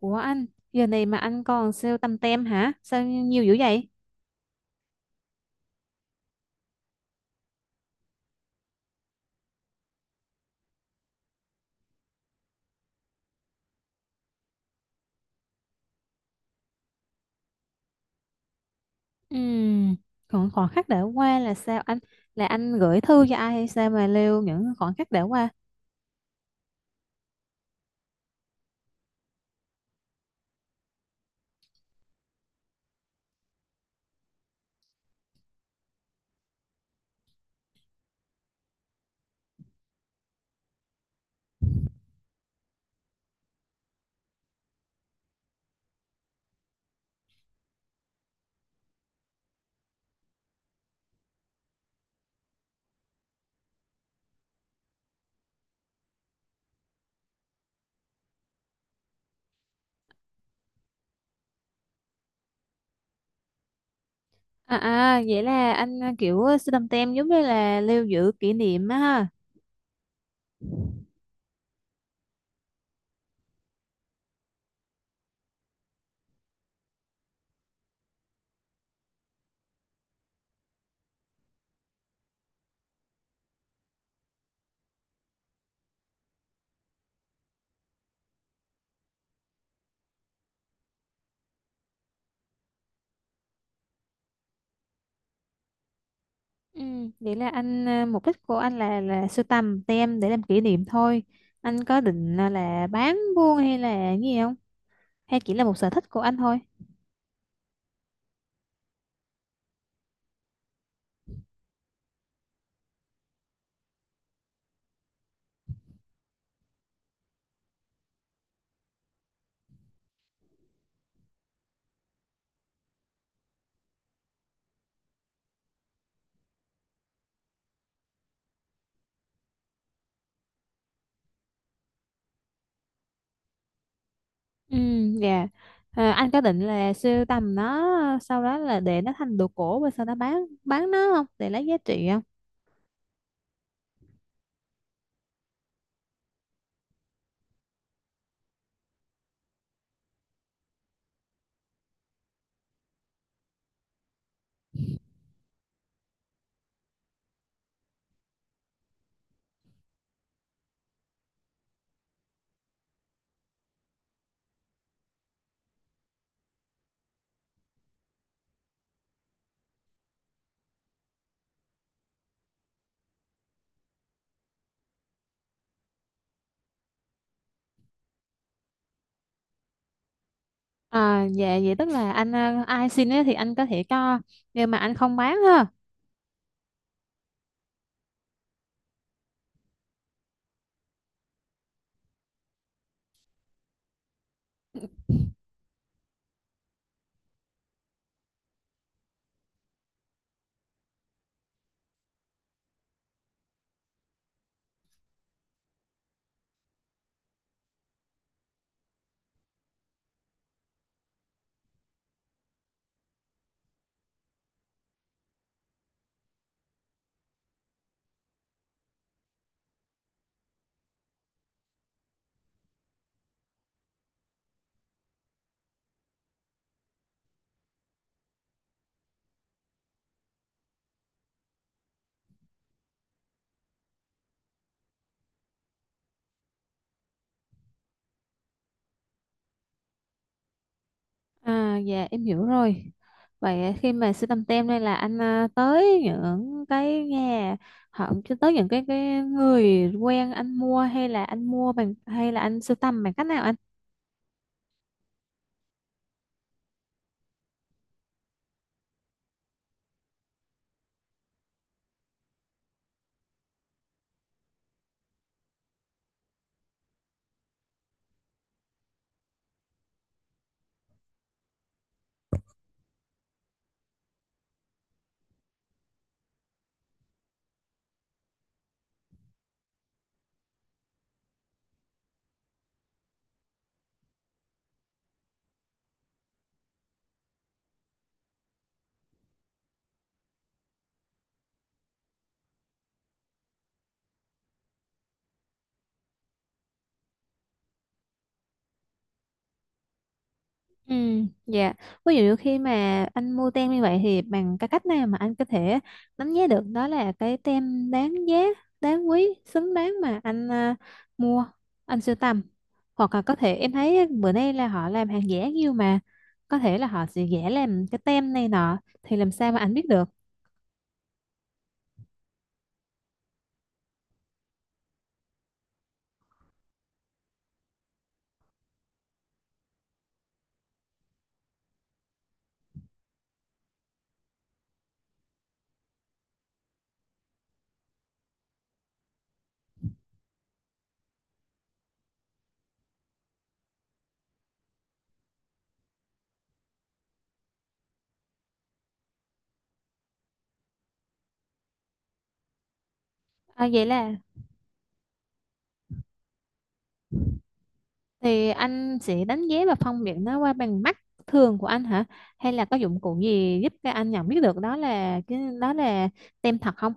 Ủa anh, giờ này mà anh còn sale tăm tem hả? Sao nhiều dữ vậy? Ừm, còn khoảnh khắc đã qua là sao anh? Là anh gửi thư cho ai hay sao mà lưu những khoảnh khắc đã qua? À à, vậy là anh kiểu sưu tăm tem giống như là lưu giữ kỷ niệm á ha. Vậy là anh mục đích của anh là sưu tầm tem để làm kỷ niệm thôi. Anh có định là bán buôn hay là gì không? Hay chỉ là một sở thích của anh thôi? Ừ, dạ. À, anh có định là sưu tầm nó sau đó là để nó thành đồ cổ và sau đó bán nó không để lấy giá trị không? À, dạ vậy tức là anh ai xin ấy thì anh có thể cho nhưng mà anh không bán ha. À, dạ em hiểu rồi. Vậy khi mà sưu tầm tem đây là anh tới những cái nhà họ tới những cái người quen anh mua hay là anh mua bằng hay là anh sưu tầm bằng cách nào anh? Ừ, dạ. Ví dụ khi mà anh mua tem như vậy thì bằng cái cách nào mà anh có thể đánh giá được đó là cái tem đáng giá, đáng quý, xứng đáng mà anh mua, anh sưu tầm. Hoặc là có thể em thấy bữa nay là họ làm hàng giả nhiều mà có thể là họ sẽ giả làm cái tem này nọ thì làm sao mà anh biết được. À, vậy là thì anh sẽ đánh giá và phân biệt nó qua bằng mắt thường của anh hả? Hay là có dụng cụ gì giúp cho anh nhận biết được đó là cái đó là tem thật không?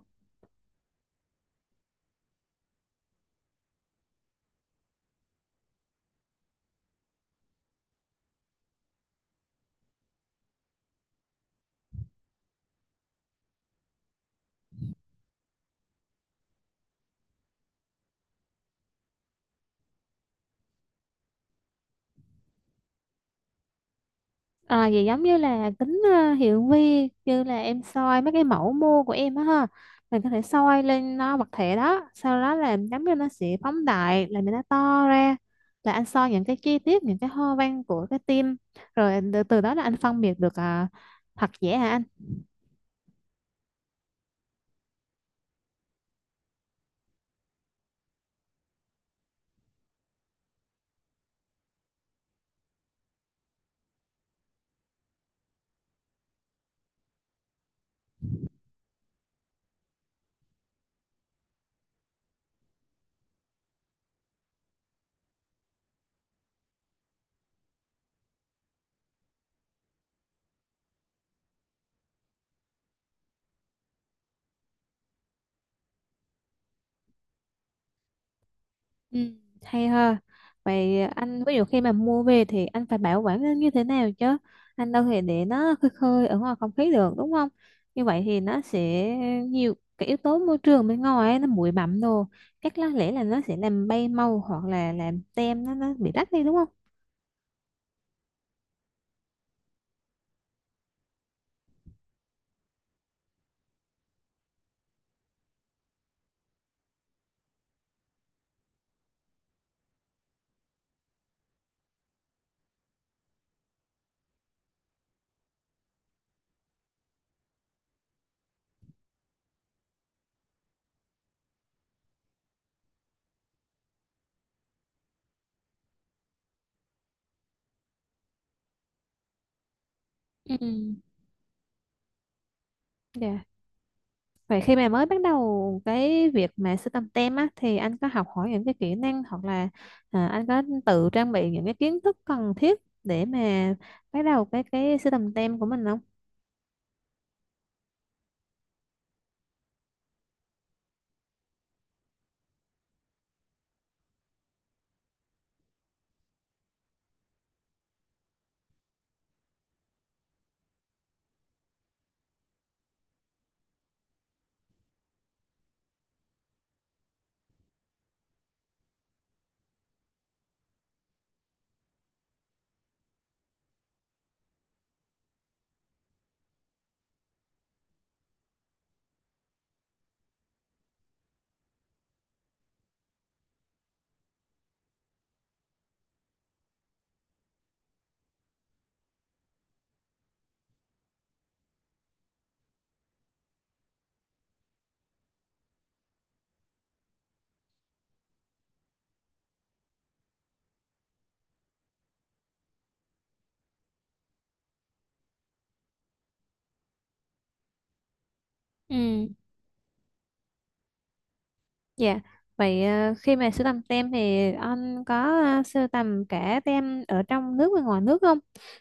À, vậy giống như là kính hiển vi như là em soi mấy cái mẫu mô của em á ha, mình có thể soi lên nó vật thể đó sau đó là giống như nó sẽ phóng đại là cho nó to ra, là anh soi những cái chi tiết những cái hoa văn của cái tim rồi từ từ đó là anh phân biệt được thật giả hả anh? Ừ, hay ha. Vậy anh ví dụ khi mà mua về thì anh phải bảo quản nó như thế nào chứ? Anh đâu thể để nó khơi khơi ở ngoài không khí được đúng không? Như vậy thì nó sẽ nhiều cái yếu tố môi trường bên ngoài ấy, nó bụi bặm đồ. Chắc là lẽ là nó sẽ làm bay màu hoặc là làm tem nó bị rách đi đúng không? Ừ. Dạ. Vậy khi mà mới bắt đầu cái việc mà sưu tầm tem á, thì anh có học hỏi những cái kỹ năng hoặc là anh có tự trang bị những cái kiến thức cần thiết để mà bắt đầu cái sưu tầm tem của mình không? Ừ. Dạ, vậy khi mà sưu tầm tem thì anh có sưu tầm cả tem ở trong nước và ngoài nước không?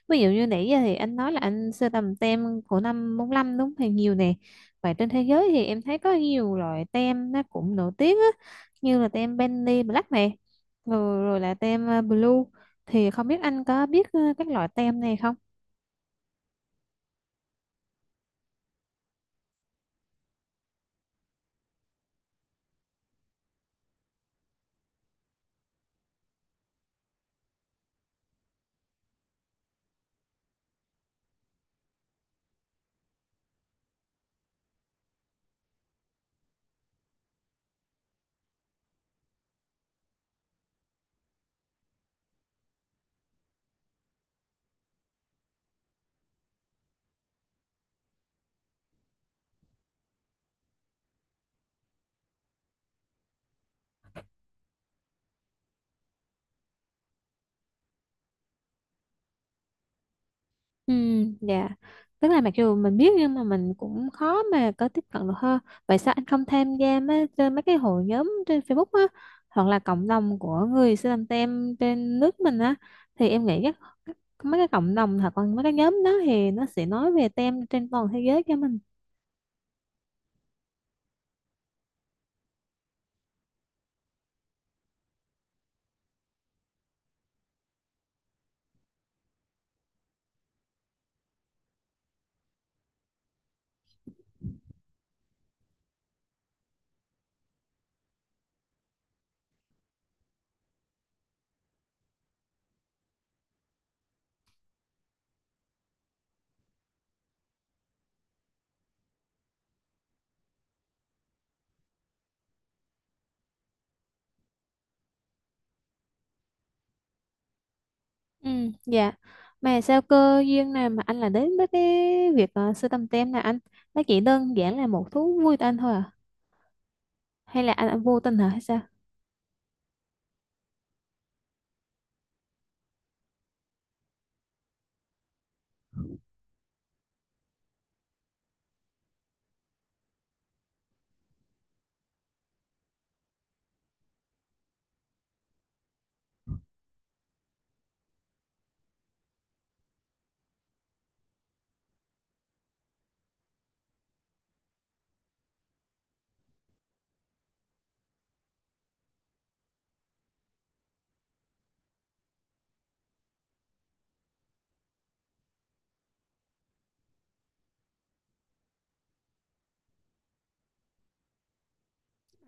Ví dụ như nãy giờ thì anh nói là anh sưu tầm tem của năm 45 đúng thì nhiều nè. Vậy trên thế giới thì em thấy có nhiều loại tem nó cũng nổi tiếng á, như là tem Benny Black nè, rồi là tem Blue. Thì không biết anh có biết các loại tem này không? Ừ, dạ. Tức là mặc dù mình biết nhưng mà mình cũng khó mà có tiếp cận được hơn. Vậy sao anh không tham gia mấy, trên mấy cái hội nhóm trên Facebook á hoặc là cộng đồng của người Sri Lanka tem trên nước mình á thì em nghĩ các mấy cái cộng đồng hoặc là mấy cái nhóm đó thì nó sẽ nói về tem trên toàn thế giới cho mình. Ừ, dạ. Mà sao cơ duyên nào mà anh lại đến với cái việc sưu tầm tem này anh? Nó chỉ đơn giản là một thú vui của anh thôi à? Hay là anh vô tình hả?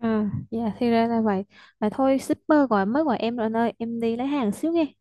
À, dạ thì ra là vậy. Vậy thôi shipper gọi mới gọi em rồi anh ơi, em đi lấy hàng xíu nghe.